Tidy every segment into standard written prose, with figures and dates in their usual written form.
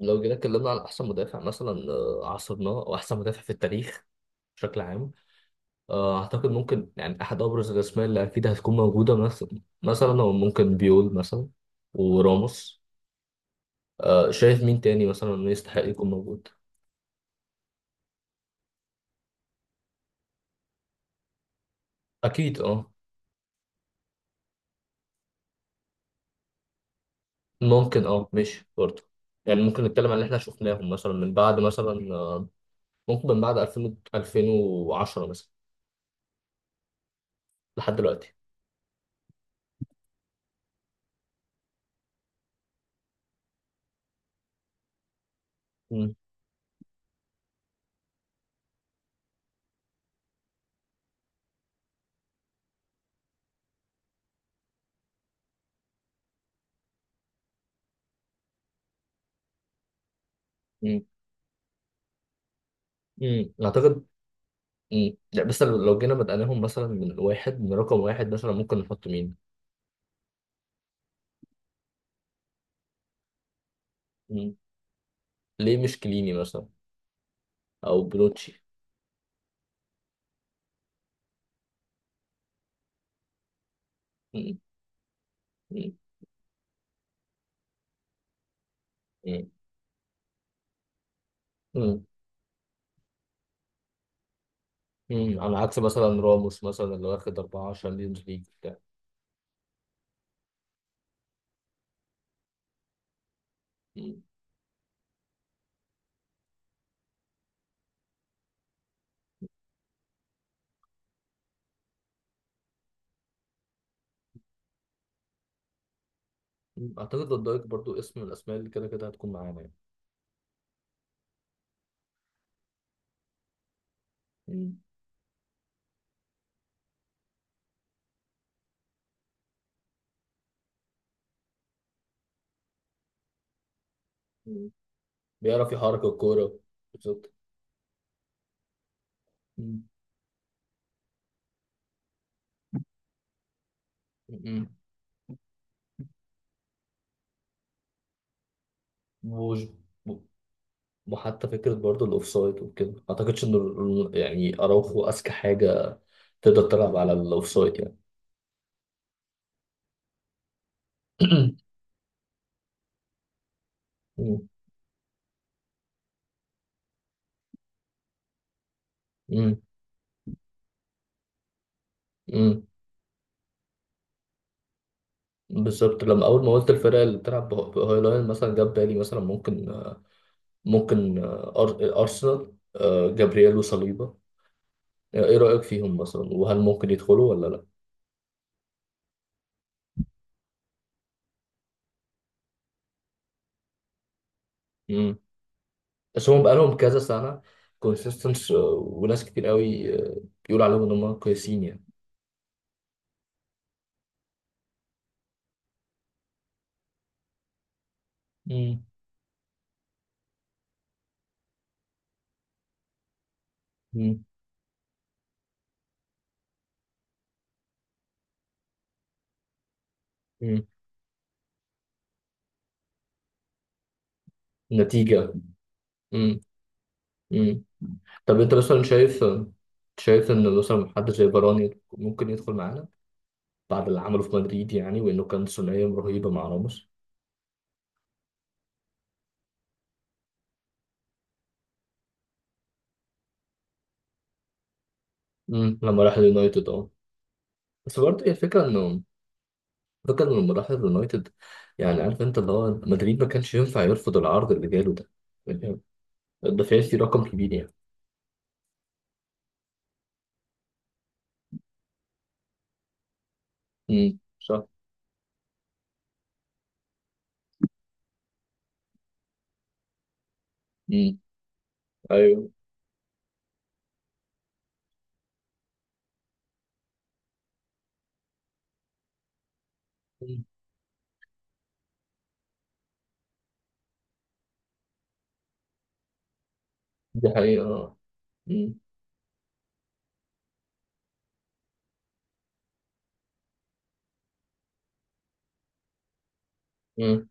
لو جينا اتكلمنا عن احسن مدافع مثلا عصرناه او احسن مدافع في التاريخ بشكل عام. اعتقد ممكن يعني احد ابرز الاسماء اللي اكيد هتكون موجوده مثلا هو ممكن بيول مثلا وراموس. شايف مين تاني مثلا انه يستحق يكون موجود؟ اكيد اه. ممكن اه، ماشي برضه. يعني ممكن نتكلم عن اللي احنا شفناهم مثلا من بعد مثلا ممكن من بعد 2000 2010 مثلا لحد دلوقتي. مم. مم. مم. اعتقد. مم. لا، بس لو جينا بدأناهم مثلا من واحد من رقم واحد مثلا ممكن نحط مين؟ مم. ليه مش كليني مثلا أو بلوتشي؟ مم. مم. مم. مم. مم. على عكس مثلا راموس مثلا اللي واخد أربعة شامبيونز ليج بتاع. مم. مم. أعتقد فان دايك برضو اسم من الأسماء اللي كده كده هتكون معانا يعني. مم. مم. بيعرف يحرك الكورة. بالظبط. مم. مم. وج- وحتى فكرة برضو الأوفسايد وكده ما أعتقدش إن يعني أراوخو أذكى حاجة تقدر تلعب على الاوفسايد يعني. مم. مم. مم. بالظبط، لما اول ما قلت الفرق اللي بتلعب بهايلاين مثلا جاب بالي مثلا ممكن ارسنال جابرييل وصليبا. ايه رايك فيهم مثلا وهل ممكن يدخلوا ولا لا؟ مم. بس هم بقالهم كذا سنه كونسيستنس، وناس كتير قوي بيقول عليهم ان هم كويسين يعني. مم. مم. مم. نتيجه. مم. مم. طب انت مثلا شايف ان مثلا حد زي فاران ممكن يدخل معانا بعد اللي عمله في مدريد، يعني وانه كان ثنائيه رهيبه مع راموس. مم. لما راح اليونايتد اه. بس برضه هي الفكره انه فكرة انه لما راح اليونايتد، يعني عارف انت اللي هو مدريد ما كانش ينفع يرفض العرض اللي جاله ده، يعني ده فيه رقم كبير يعني. صح. امم ايوه. مم. دي حقيقة اه. مم. مم.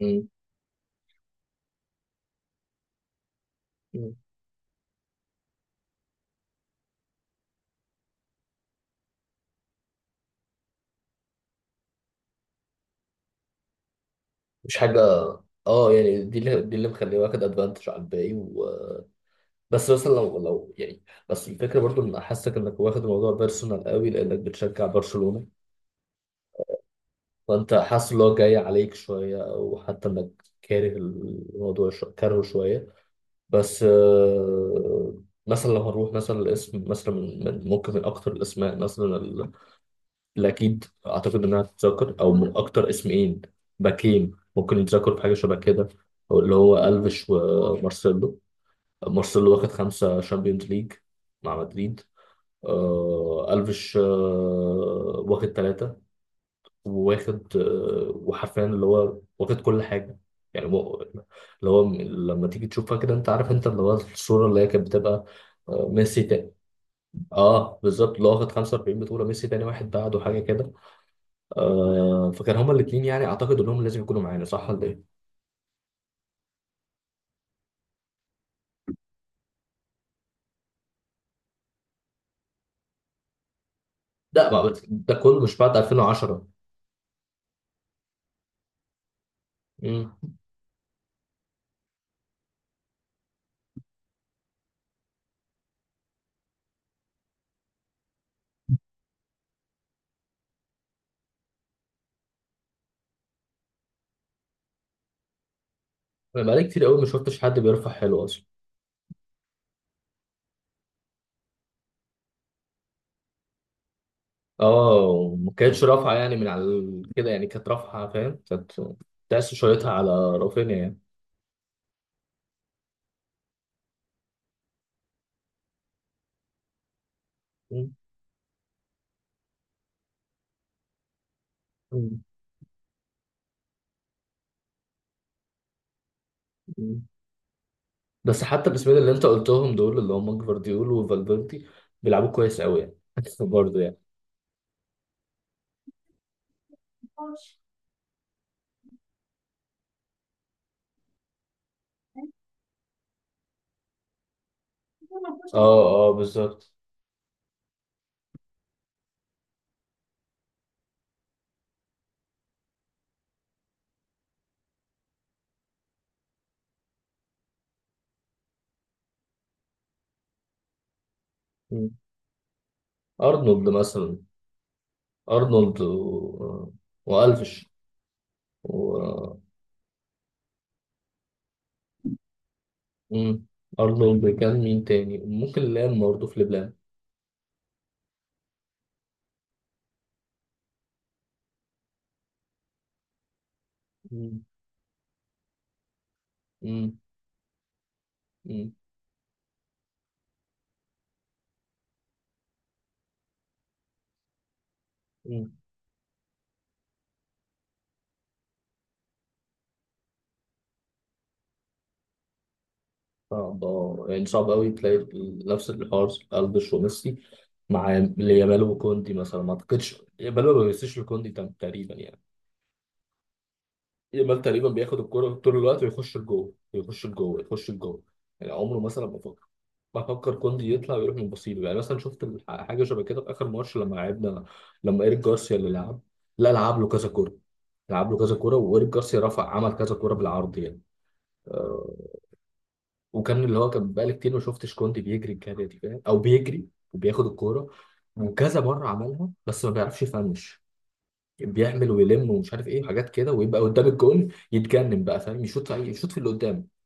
مم. مم. مش حاجة. اه، يعني دي اللي مخليه واخد ادفانتج على الباقي و. بس مثلا لو يعني، بس الفكرة برضو ان حاسك انك واخد الموضوع بيرسونال قوي لانك بتشجع برشلونة. فانت حاسس ان هو جاي عليك شويه، او حتى انك كاره الموضوع كارهه شويه. بس، مثلا لو هنروح مثلا الاسم مثلا ممكن من اكتر الاسماء مثلا اللي اكيد اعتقد انها تتذكر، او من اكتر اسمين باكين ممكن يتذكروا بحاجه شبه كده، أو اللي هو الفيش ومارسيلو. مارسيلو واخد خمسه شامبيونز ليج مع مدريد. الفيش واخد ثلاثه، واخد آه، وحرفيا اللي هو واخد كل حاجة. يعني هو اللي هو م- لما تيجي تشوفها كده، انت عارف انت اللي هو الصورة اللي هي كانت بتبقى ميسي تاني. اه بالظبط، اللي هو واخد 45 بطولة. ميسي تاني واحد بعده حاجة كده. فكان هما الاتنين، يعني اعتقد انهم لازم يكونوا معانا صح ولا ايه؟ لا، ما بت- ده كله مش بعد 2010. امم انا بقالي كتير قوي ما شفتش حد بيرفع حلو اصلا. اه، وما كانتش رافعة يعني من على كده، يعني كانت رافعة فاهم، كانت تحس شايطها على رافينيا يعني. مم. مم. بس حتى الاسمين اللي انت قلتهم دول اللي هم جفارديول وفالفيردي بيلعبوا كويس قوي يعني. برضه يعني. اه، اه، بالظبط. مم. ارنولد مثلا. ارنولد و، والفش و، مم. ارنولد كان مين تاني ممكن؟ لام برضه، في لبلان. مم. مم. مم. مم. صعب يعني صعب قوي تلاقي نفس الحوار الفش وميسي مع يامال وكوندي مثلا. ما اعتقدش يامال ما بيمسيش لكوندي تقريبا يعني. يامال تقريبا بياخد الكرة طول الوقت، ويخش لجوه يخش لجوه يخش لجوه. يعني عمره مثلا ما بفكر كوندي يطلع ويروح من بصيله يعني. مثلا شفت حاجه شبه كده في اخر ماتش لما لعبنا، لما ايريك جارسيا اللي لعب، لا، لعب له كذا كوره، وايريك جارسيا رفع عمل كذا كوره بالعرض يعني. آه، وكان اللي هو كان بقالي كتير ما شفتش كوندي بيجري الجري دي فاهم، او بيجري وبياخد الكوره. وكذا مره عملها بس ما بيعرفش يفنش، بيعمل ويلم ومش عارف ايه حاجات كده، ويبقى قدام الجون يتجنن بقى فاهم، يشوط في اللي قدامه.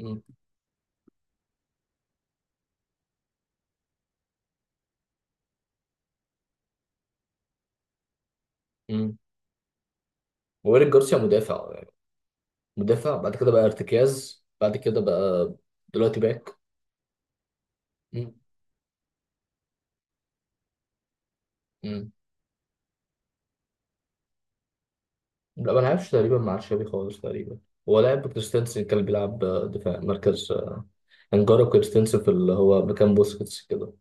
مم. مم. وإيريك جارسيا مدافع يعني. مدافع بعد كده بقى ارتكاز، بعد كده بقى دلوقتي باك. مم. مم. لا، ما لعبش تقريبا مع تشافي خالص تقريبا. هو لعب، كريستنسن كان بيلعب دفاع مركز انجارو كريستنسن في اللي هو مكان بوسكيتس كده